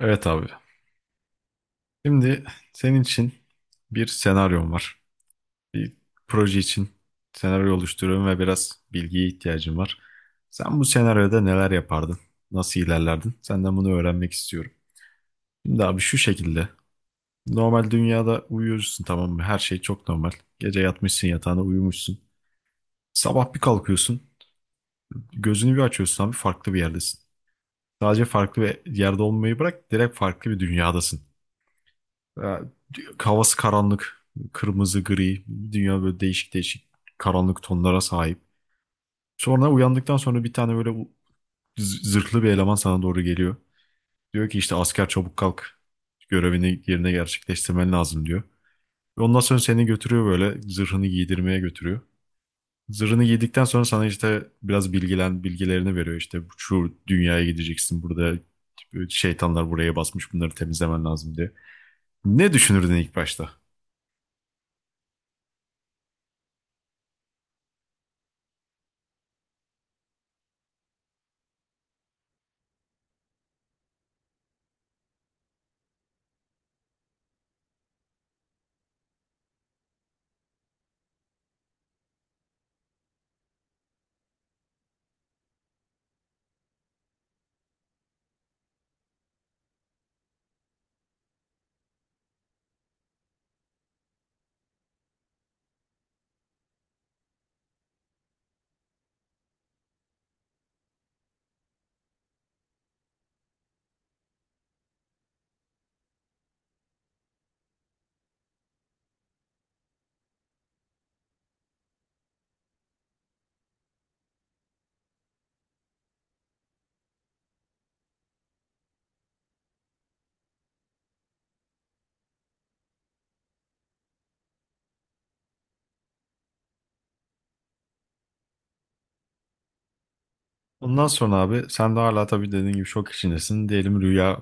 Evet abi. Şimdi senin için bir senaryom var. Bir proje için senaryo oluşturuyorum ve biraz bilgiye ihtiyacım var. Sen bu senaryoda neler yapardın? Nasıl ilerlerdin? Senden bunu öğrenmek istiyorum. Şimdi abi şu şekilde. Normal dünyada uyuyorsun, tamam mı? Her şey çok normal. Gece yatmışsın yatağına, uyumuşsun. Sabah bir kalkıyorsun. Gözünü bir açıyorsun, abi farklı bir yerdesin. Sadece farklı bir yerde olmayı bırak, direkt farklı bir dünyadasın. Ya, havası karanlık. Kırmızı, gri. Dünya böyle değişik değişik karanlık tonlara sahip. Sonra uyandıktan sonra bir tane böyle zırhlı bir eleman sana doğru geliyor. Diyor ki işte asker çabuk kalk. Görevini yerine gerçekleştirmen lazım diyor. Ve ondan sonra seni götürüyor, böyle zırhını giydirmeye götürüyor. Zırhını giydikten sonra sana işte biraz bilgilerini veriyor. İşte şu dünyaya gideceksin, burada şeytanlar buraya basmış, bunları temizlemen lazım diye. Ne düşünürdün ilk başta? Ondan sonra abi sen de hala tabii dediğin gibi şok içindesin. Diyelim rüya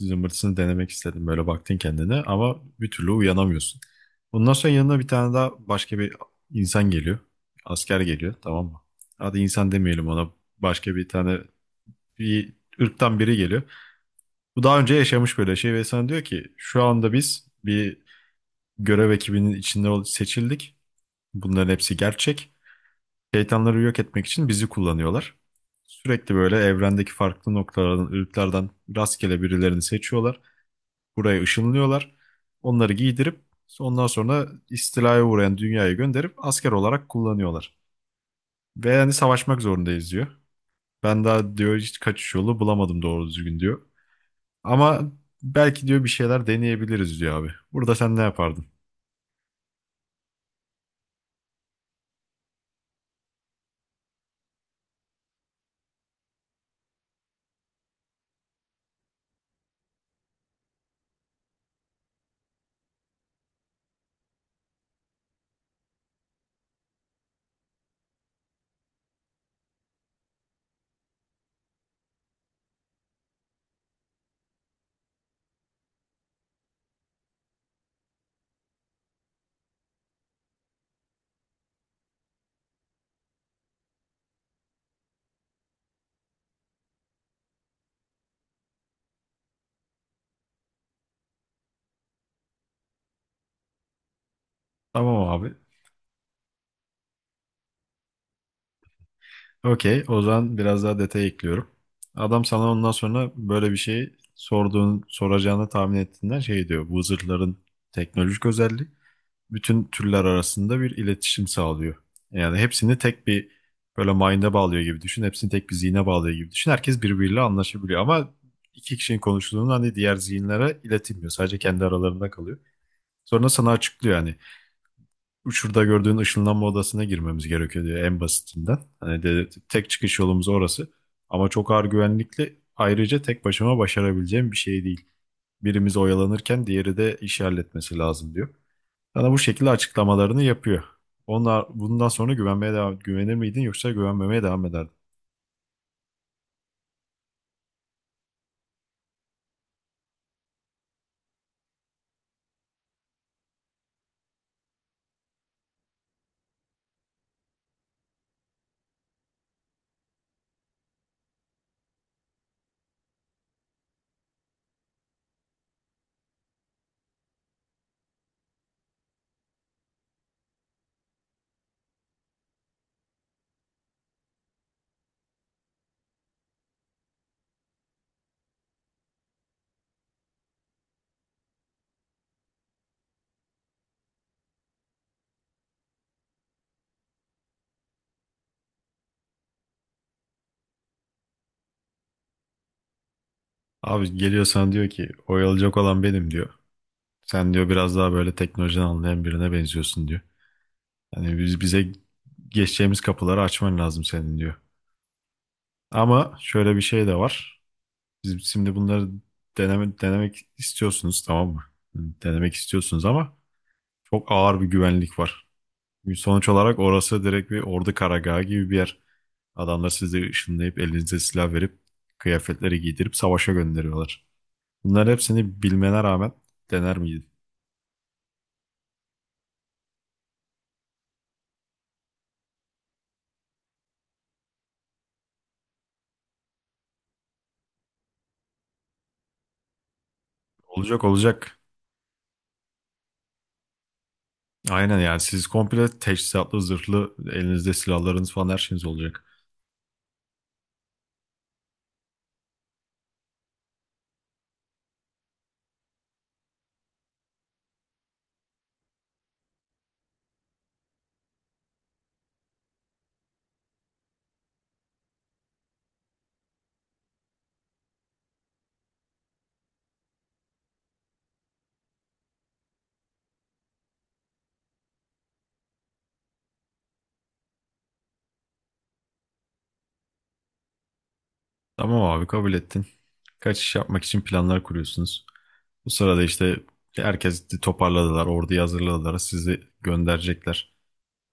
zımbırtısını denemek istedin. Böyle baktın kendine ama bir türlü uyanamıyorsun. Ondan sonra yanına bir tane daha başka bir insan geliyor. Asker geliyor, tamam mı? Hadi insan demeyelim ona. Başka bir tane bir ırktan biri geliyor. Bu daha önce yaşamış böyle şey ve sana diyor ki şu anda biz bir görev ekibinin içinde seçildik. Bunların hepsi gerçek. Şeytanları yok etmek için bizi kullanıyorlar. Sürekli böyle evrendeki farklı noktalardan, ırklardan rastgele birilerini seçiyorlar. Buraya ışınlıyorlar. Onları giydirip ondan sonra istilaya uğrayan dünyaya gönderip asker olarak kullanıyorlar. Ve yani savaşmak zorundayız diyor. Ben daha diyor hiç kaçış yolu bulamadım doğru düzgün diyor. Ama belki diyor bir şeyler deneyebiliriz diyor abi. Burada sen ne yapardın? Tamam abi. Okey. O zaman biraz daha detay ekliyorum. Adam sana ondan sonra böyle bir şey soracağını tahmin ettiğinden şey diyor. Bu zırhların teknolojik özelliği bütün türler arasında bir iletişim sağlıyor. Yani hepsini tek bir böyle mind'e bağlıyor gibi düşün. Hepsini tek bir zihne bağlıyor gibi düşün. Herkes birbiriyle anlaşabiliyor ama iki kişinin konuştuğunu hani diğer zihinlere iletilmiyor. Sadece kendi aralarında kalıyor. Sonra sana açıklıyor yani. Şurada gördüğün ışınlanma odasına girmemiz gerekiyor diyor en basitinden. Hani de, tek çıkış yolumuz orası. Ama çok ağır güvenlikli. Ayrıca tek başıma başarabileceğim bir şey değil. Birimiz oyalanırken diğeri de işi halletmesi lazım diyor. Sana bu şekilde açıklamalarını yapıyor. Onlar bundan sonra güvenir miydin yoksa güvenmemeye devam ederdin? Abi geliyorsan diyor ki oyalayacak olan benim diyor. Sen diyor biraz daha böyle teknolojiden anlayan birine benziyorsun diyor. Hani biz bize geçeceğimiz kapıları açman lazım senin diyor. Ama şöyle bir şey de var. Biz şimdi bunları denemek istiyorsunuz, tamam mı? Denemek istiyorsunuz ama çok ağır bir güvenlik var. Sonuç olarak orası direkt bir ordu karargahı gibi bir yer. Adamlar sizi ışınlayıp elinize silah verip kıyafetleri giydirip savaşa gönderiyorlar. Bunların hepsini bilmene rağmen dener miydin? Olacak olacak. Aynen yani siz komple teçhizatlı, zırhlı, elinizde silahlarınız falan her şeyiniz olacak. Tamam abi kabul ettin. Kaçış yapmak için planlar kuruyorsunuz. Bu sırada işte herkes toparladılar, orduyu hazırladılar, sizi gönderecekler.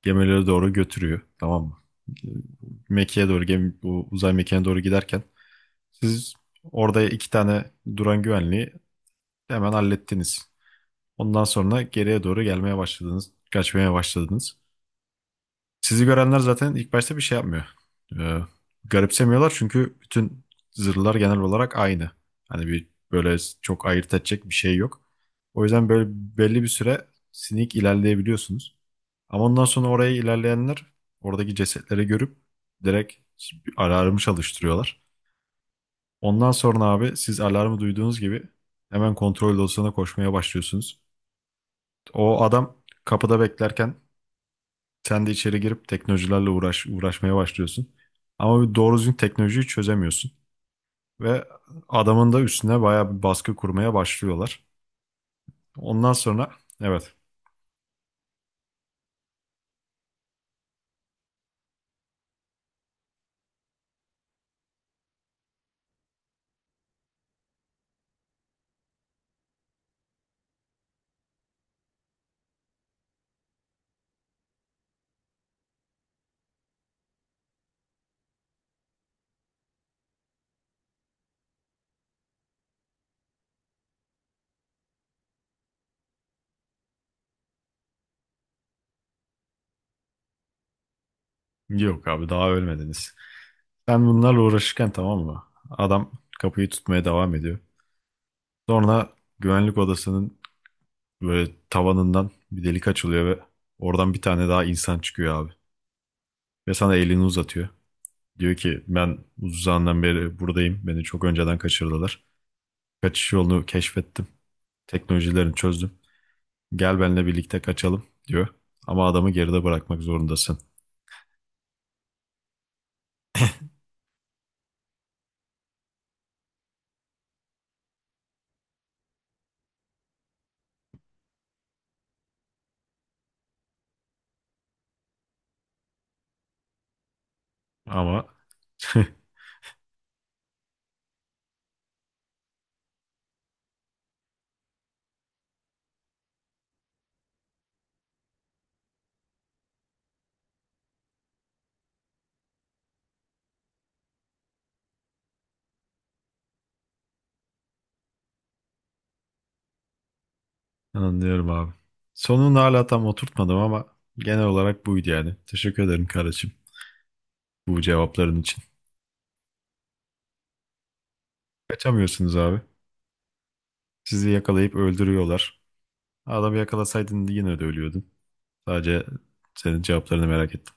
Gemilere doğru götürüyor, tamam mı? Ee, Mekke'ye doğru, gemi, bu uzay mekiğine doğru giderken siz orada iki tane duran güvenliği hemen hallettiniz. Ondan sonra geriye doğru gelmeye başladınız, kaçmaya başladınız. Sizi görenler zaten ilk başta bir şey yapmıyor. Ee, garipsemiyorlar çünkü bütün zırhlar genel olarak aynı. Hani bir böyle çok ayırt edecek bir şey yok. O yüzden böyle belli bir süre sinik ilerleyebiliyorsunuz. Ama ondan sonra oraya ilerleyenler oradaki cesetleri görüp direkt bir alarmı çalıştırıyorlar. Ondan sonra abi siz alarmı duyduğunuz gibi hemen kontrol odasına koşmaya başlıyorsunuz. O adam kapıda beklerken sen de içeri girip uğraşmaya başlıyorsun. Ama bir doğru düzgün teknolojiyi çözemiyorsun. Ve adamın da üstüne bayağı bir baskı kurmaya başlıyorlar. Ondan sonra evet, yok abi daha ölmediniz. Sen bunlarla uğraşırken, tamam mı? Adam kapıyı tutmaya devam ediyor. Sonra güvenlik odasının böyle tavanından bir delik açılıyor ve oradan bir tane daha insan çıkıyor abi. Ve sana elini uzatıyor. Diyor ki ben uzun zamandan beri buradayım. Beni çok önceden kaçırdılar. Kaçış yolunu keşfettim. Teknolojilerini çözdüm. Gel benimle birlikte kaçalım diyor. Ama adamı geride bırakmak zorundasın. Ama anlıyorum abi. Sonunu hala tam oturtmadım ama genel olarak buydu yani. Teşekkür ederim kardeşim bu cevapların için. Kaçamıyorsunuz abi. Sizi yakalayıp öldürüyorlar. Adamı yakalasaydın yine de ölüyordun. Sadece senin cevaplarını merak ettim.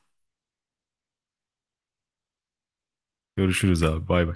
Görüşürüz abi. Bay bay.